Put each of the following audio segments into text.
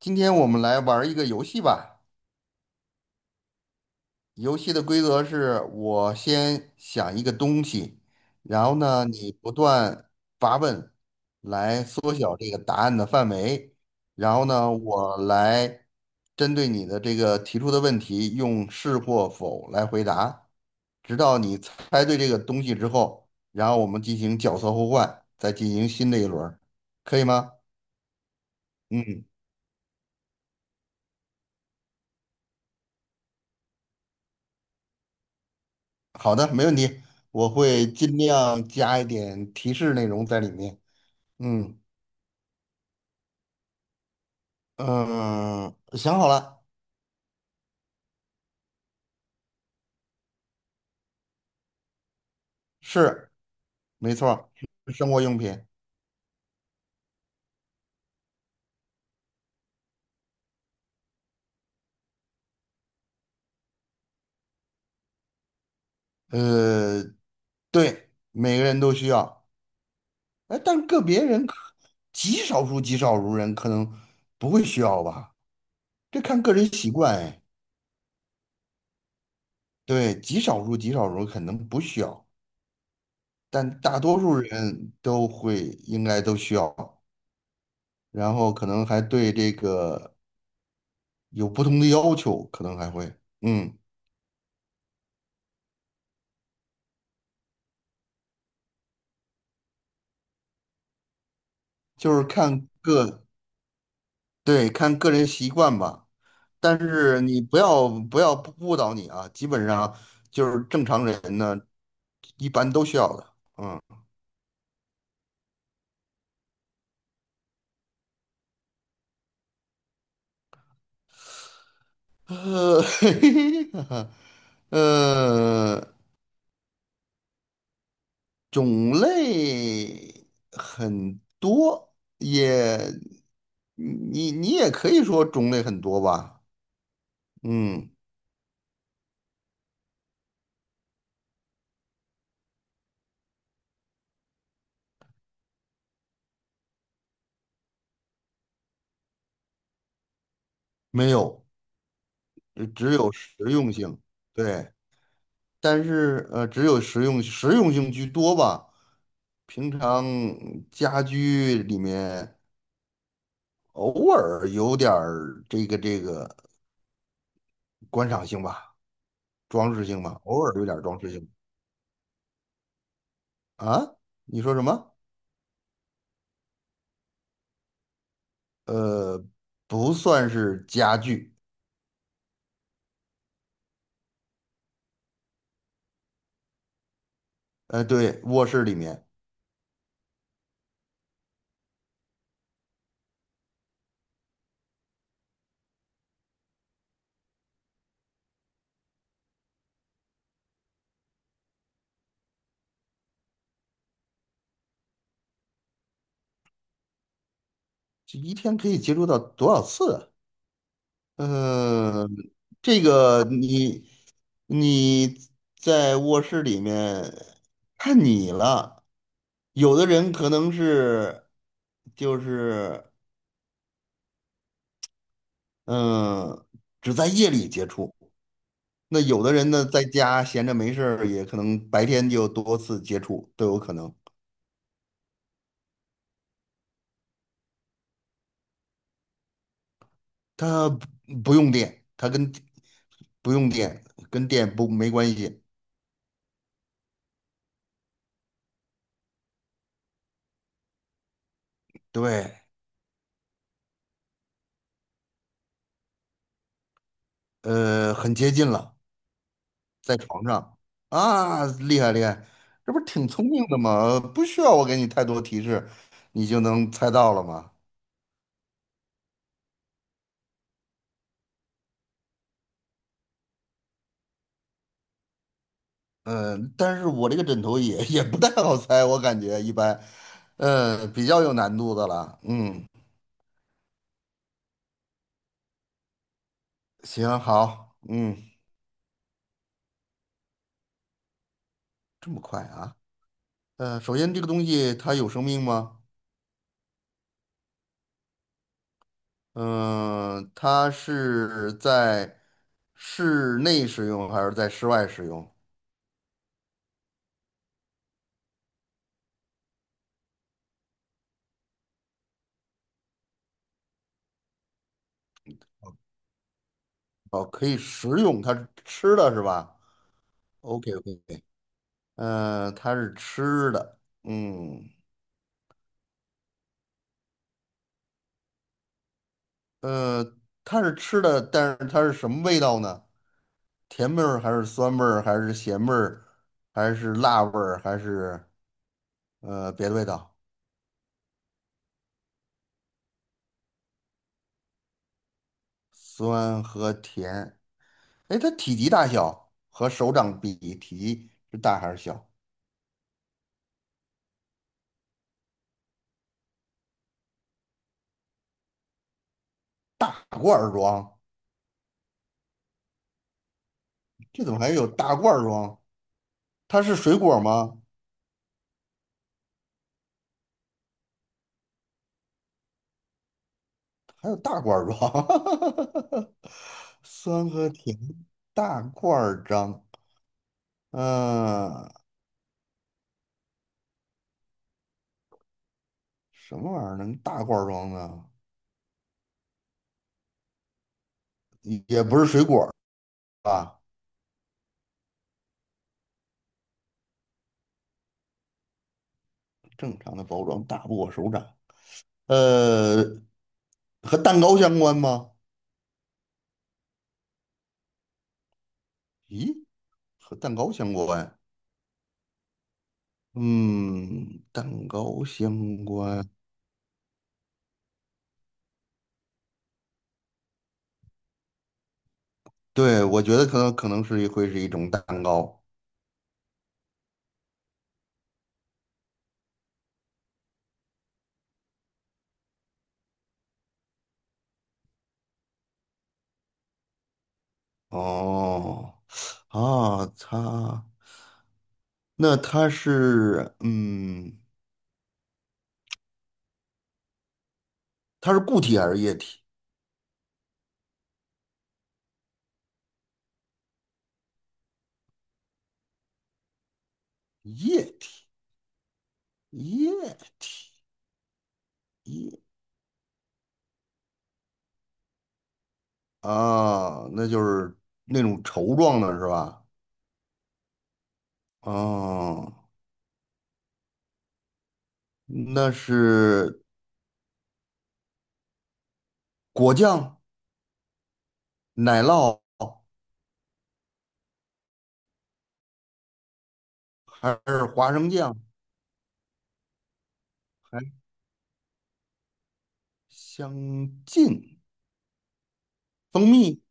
今天我们来玩儿一个游戏吧。游戏的规则是我先想一个东西，然后呢，你不断发问来缩小这个答案的范围，然后呢，我来针对你的这个提出的问题，用是或否来回答，直到你猜对这个东西之后，然后我们进行角色互换，再进行新的一轮儿，可以吗？嗯，好的，没问题，我会尽量加一点提示内容在里面。嗯嗯，想好了，是没错儿，是生活用品。呃，对，每个人都需要，哎，但个别人可极少数极少数人可能不会需要吧，这看个人习惯。哎，对，极少数极少数可能不需要，但大多数人都会应该都需要，然后可能还对这个。有不同的要求，可能还会，嗯，就是对，看个人习惯吧。但是你不要误导你啊，基本上就是正常人呢，一般都需要的，呃，呃，种类很多，也，你也可以说种类很多吧。嗯，没有，只有实用性，对。但是只有实用性居多吧。平常家居里面偶尔有点儿这个观赏性吧，装饰性吧，偶尔有点儿装饰性啊。你说什么？呃，不算是家具。对，卧室里面这一天可以接触到多少次啊。嗯，这个你在卧室里面看你了，有的人可能是就是嗯、呃只在夜里接触，那有的人呢在家闲着没事儿，也可能白天就多次接触都有可能。他不用电，不用电，跟电不没关系。对，很接近了。在床上啊，厉害厉害，这不是挺聪明的吗？不需要我给你太多提示，你就能猜到了吗？嗯，但是我这个枕头也不太好猜，我感觉一般，比较有难度的了。嗯，行，好，嗯，这么快啊？首先这个东西它有生命吗？嗯，它是在室内使用还是在室外使用？哦，可以食用，它是吃的是吧？OK OK，它是吃的。嗯，呃，但是它是什么味道呢？甜味儿还是酸味儿，还是咸味儿，还是辣味儿，还是别的味道？酸和甜。哎，它体积大小和手掌比，体积是大还是小？大罐儿装，这怎么还有大罐儿装？它是水果吗？还有大罐儿装，酸和甜，大罐儿装。嗯，什么玩意儿能大罐装的？也不是水果儿吧？正常的包装打不过手掌。呃，和蛋糕相关吗？咦，和蛋糕相关？嗯，蛋糕相关。对，我觉得可能是一会是一种蛋糕。哦，啊，那它是固体还是液体？液体，液体。液。啊，那就是那种稠状的是吧？哦，那是果酱、奶酪还是花生酱？还相近，蜂蜜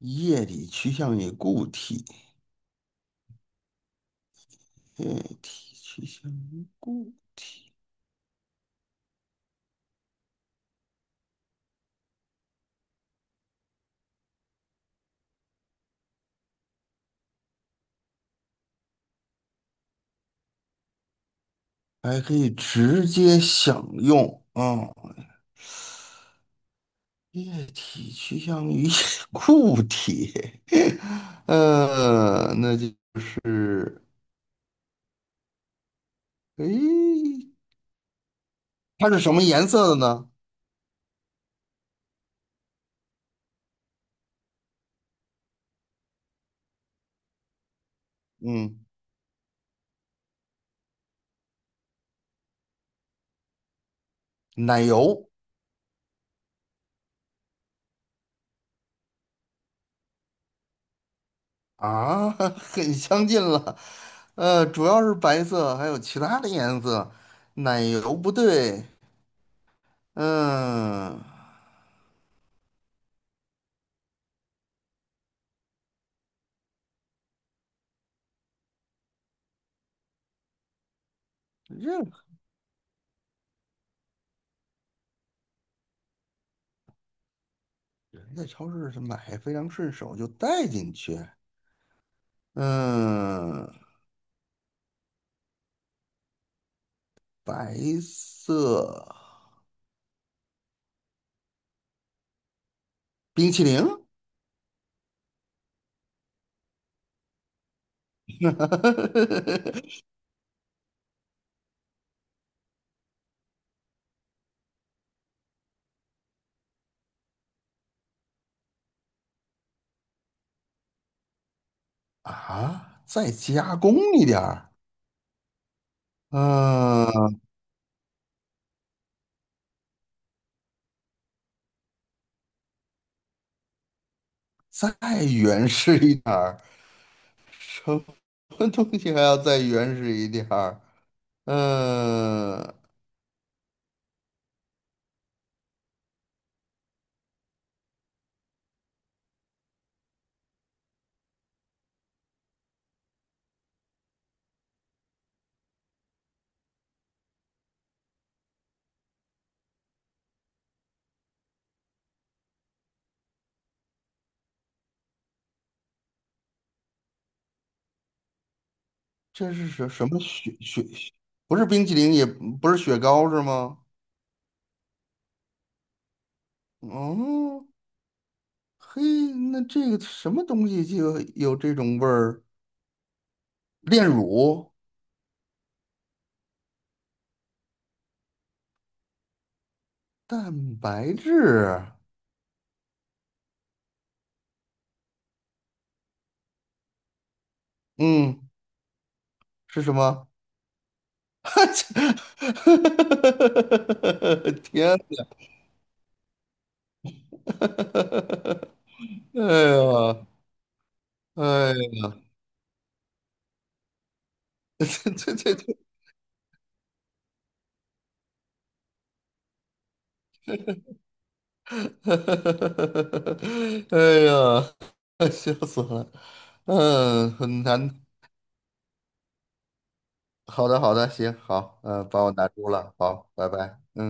液体趋向于固体，液体趋向于固体，还可以直接享用。啊！液体趋向于 固体，那就是，诶。它是什么颜色的呢？嗯，奶油啊，很相近了。主要是白色，还有其他的颜色。奶油不对，嗯，任何人在超市是买非常顺手就带进去。嗯，白色冰淇淋 啊，再加工一点儿，嗯，再原始一点儿。什 东西还要再原始一点儿。嗯，这是什么雪？不是冰淇淋，也不是雪糕，是吗？哦，嘿，那这个什么东西就有这种味儿？炼乳、蛋白质啊，嗯，是什么？天，哎呀，哎呀，这这这。哎呀，笑死我了。嗯，很难。好的，好的，行，好，嗯，把我难住了，好，拜拜。